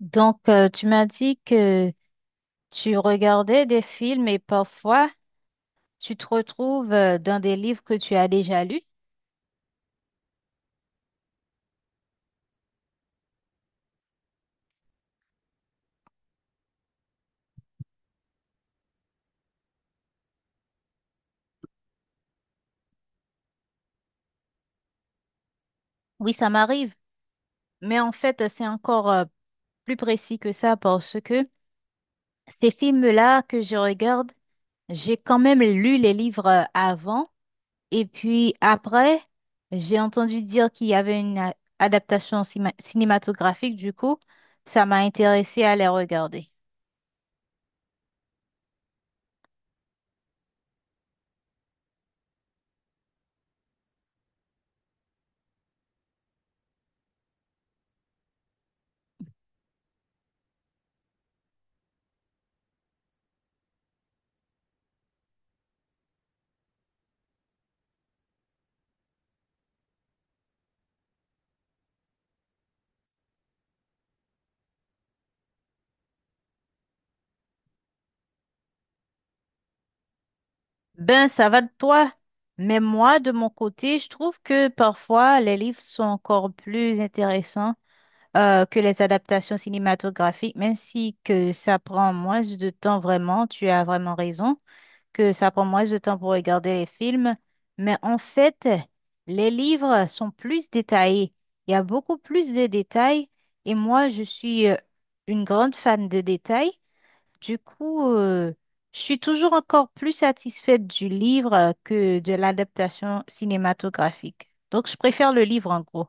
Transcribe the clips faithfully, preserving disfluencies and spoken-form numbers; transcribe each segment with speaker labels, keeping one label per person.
Speaker 1: Donc, euh, tu m'as dit que tu regardais des films et parfois tu te retrouves euh, dans des livres que tu as déjà lus. Oui, ça m'arrive, mais en fait, c'est encore euh, plus précis que ça parce que ces films-là que je regarde, j'ai quand même lu les livres euh, avant et puis après, j'ai entendu dire qu'il y avait une a- adaptation cima- cinématographique, du coup, ça m'a intéressé à les regarder. Ben, ça va de toi, mais moi, de mon côté, je trouve que parfois les livres sont encore plus intéressants euh, que les adaptations cinématographiques, même si que ça prend moins de temps vraiment, tu as vraiment raison. Que ça prend moins de temps pour regarder les films, mais en fait, les livres sont plus détaillés. Il y a beaucoup plus de détails et moi, je suis euh, une grande fan de détails. Du coup, euh, je suis toujours encore plus satisfaite du livre euh, que de l'adaptation cinématographique. Donc, je préfère le livre en gros.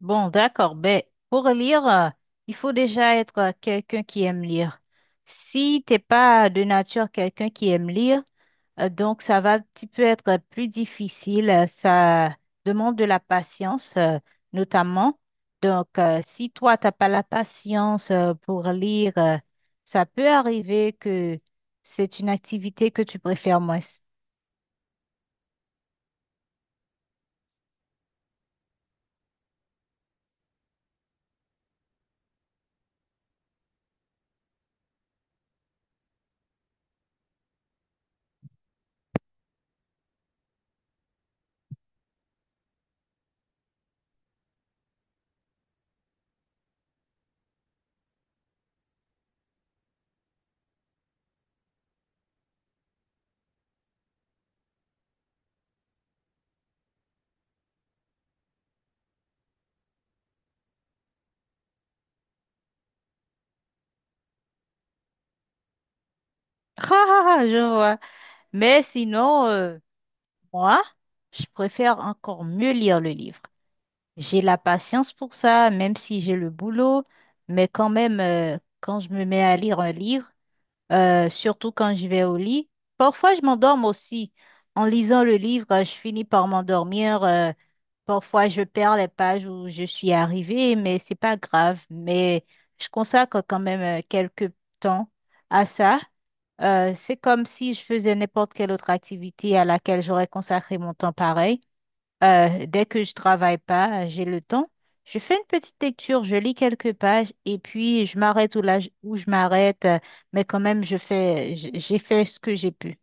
Speaker 1: Bon, d'accord. Ben, pour lire, euh, il faut déjà être euh, quelqu'un qui aime lire. Si t'es pas de nature quelqu'un qui aime lire, Euh, donc, ça va un petit peu être plus difficile. euh, Ça demande de la patience, euh, notamment. Donc, euh, si toi, t'as pas la patience euh, pour lire, euh, ça peut arriver que c'est une activité que tu préfères moins. Ah, ah, ah, je vois. Mais sinon, euh, moi, je préfère encore mieux lire le livre. J'ai la patience pour ça, même si j'ai le boulot, mais quand même, euh, quand je me mets à lire un livre, euh, surtout quand je vais au lit. Parfois, je m'endorme aussi. En lisant le livre, euh, je finis par m'endormir. Euh, parfois, je perds les pages où je suis arrivée, mais c'est pas grave. Mais je consacre quand même euh, quelques temps à ça. Euh, c'est comme si je faisais n'importe quelle autre activité à laquelle j'aurais consacré mon temps pareil. Euh, dès que je travaille pas, j'ai le temps, je fais une petite lecture, je lis quelques pages et puis je m'arrête où, là, où je m'arrête, euh, mais quand même, je fais, j- j'ai fait ce que j'ai pu.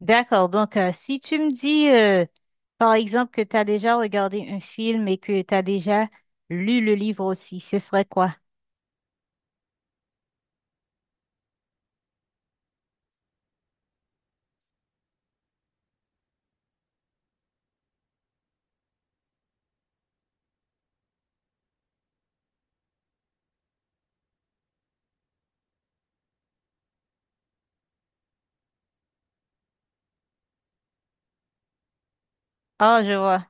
Speaker 1: D'accord, donc euh, si tu me dis, euh, par exemple, que tu as déjà regardé un film et que tu as déjà lu le livre aussi, ce serait quoi? Ah, je vois,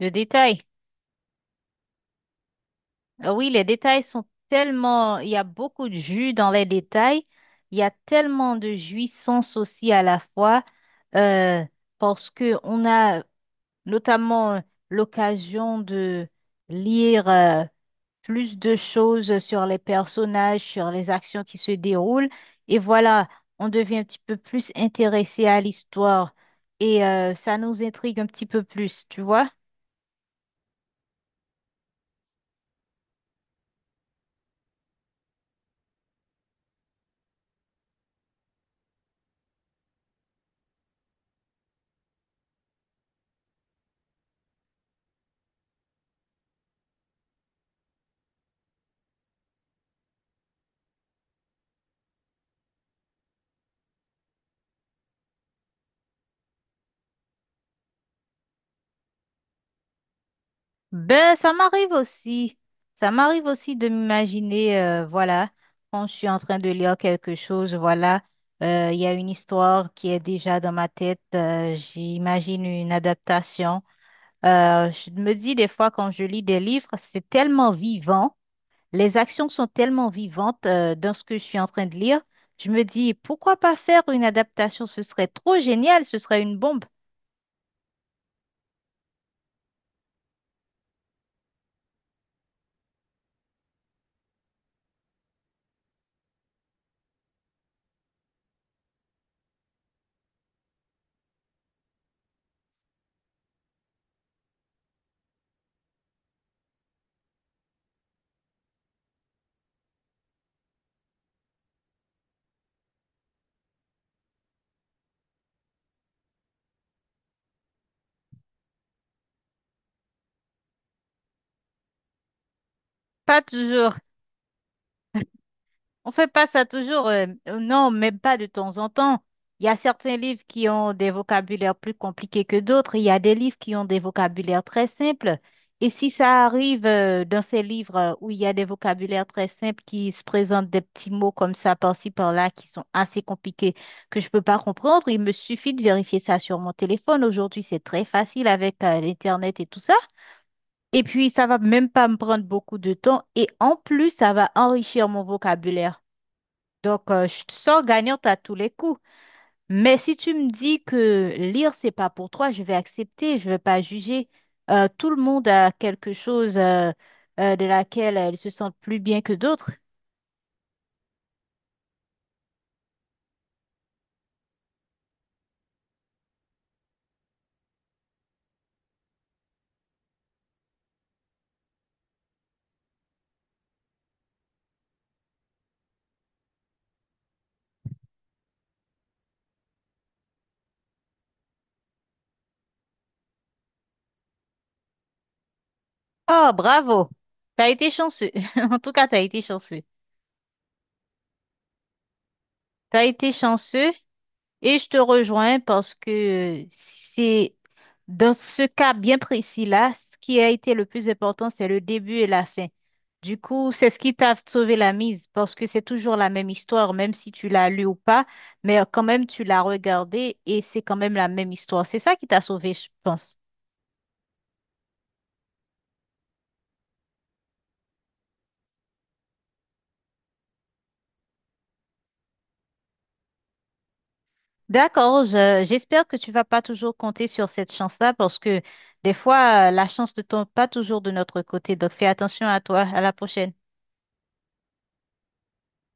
Speaker 1: le détail. Ah oui, les détails sont tellement, il y a beaucoup de jus dans les détails, il y a tellement de jouissance aussi à la fois, euh, parce que on a notamment euh, l'occasion de lire euh, plus de choses sur les personnages, sur les actions qui se déroulent, et voilà, on devient un petit peu plus intéressé à l'histoire et euh, ça nous intrigue un petit peu plus, tu vois? Ben, ça m'arrive aussi. Ça m'arrive aussi de m'imaginer, euh, voilà, quand je suis en train de lire quelque chose, voilà, euh, il y a une histoire qui est déjà dans ma tête. Euh, j'imagine une adaptation. Euh, je me dis des fois quand je lis des livres, c'est tellement vivant, les actions sont tellement vivantes, euh, dans ce que je suis en train de lire. Je me dis, pourquoi pas faire une adaptation? Ce serait trop génial, ce serait une bombe. Pas toujours. On fait pas ça toujours, euh, euh, non, même pas de temps en temps. Il y a certains livres qui ont des vocabulaires plus compliqués que d'autres. Il y a des livres qui ont des vocabulaires très simples. Et si ça arrive euh, dans ces livres euh, où il y a des vocabulaires très simples qui se présentent des petits mots comme ça par-ci par-là qui sont assez compliqués que je peux pas comprendre, il me suffit de vérifier ça sur mon téléphone. Aujourd'hui, c'est très facile avec euh, l'Internet et tout ça. Et puis, ça va même pas me prendre beaucoup de temps. Et en plus, ça va enrichir mon vocabulaire. Donc, euh, je sors gagnante à tous les coups. Mais si tu me dis que lire, c'est pas pour toi, je vais accepter, je vais pas juger. Euh, tout le monde a quelque chose euh, euh, de laquelle euh, il se sent plus bien que d'autres. Oh, bravo! T'as été chanceux. En tout cas, t'as été chanceux. T'as été chanceux. Et je te rejoins parce que c'est dans ce cas bien précis-là, ce qui a été le plus important, c'est le début et la fin. Du coup, c'est ce qui t'a sauvé la mise parce que c'est toujours la même histoire, même si tu l'as lu ou pas, mais quand même tu l'as regardée et c'est quand même la même histoire. C'est ça qui t'a sauvé, je pense. D'accord, je- j'espère que tu vas pas toujours compter sur cette chance-là parce que des fois, euh, la chance ne tombe pas toujours de notre côté. Donc fais attention à toi. À la prochaine.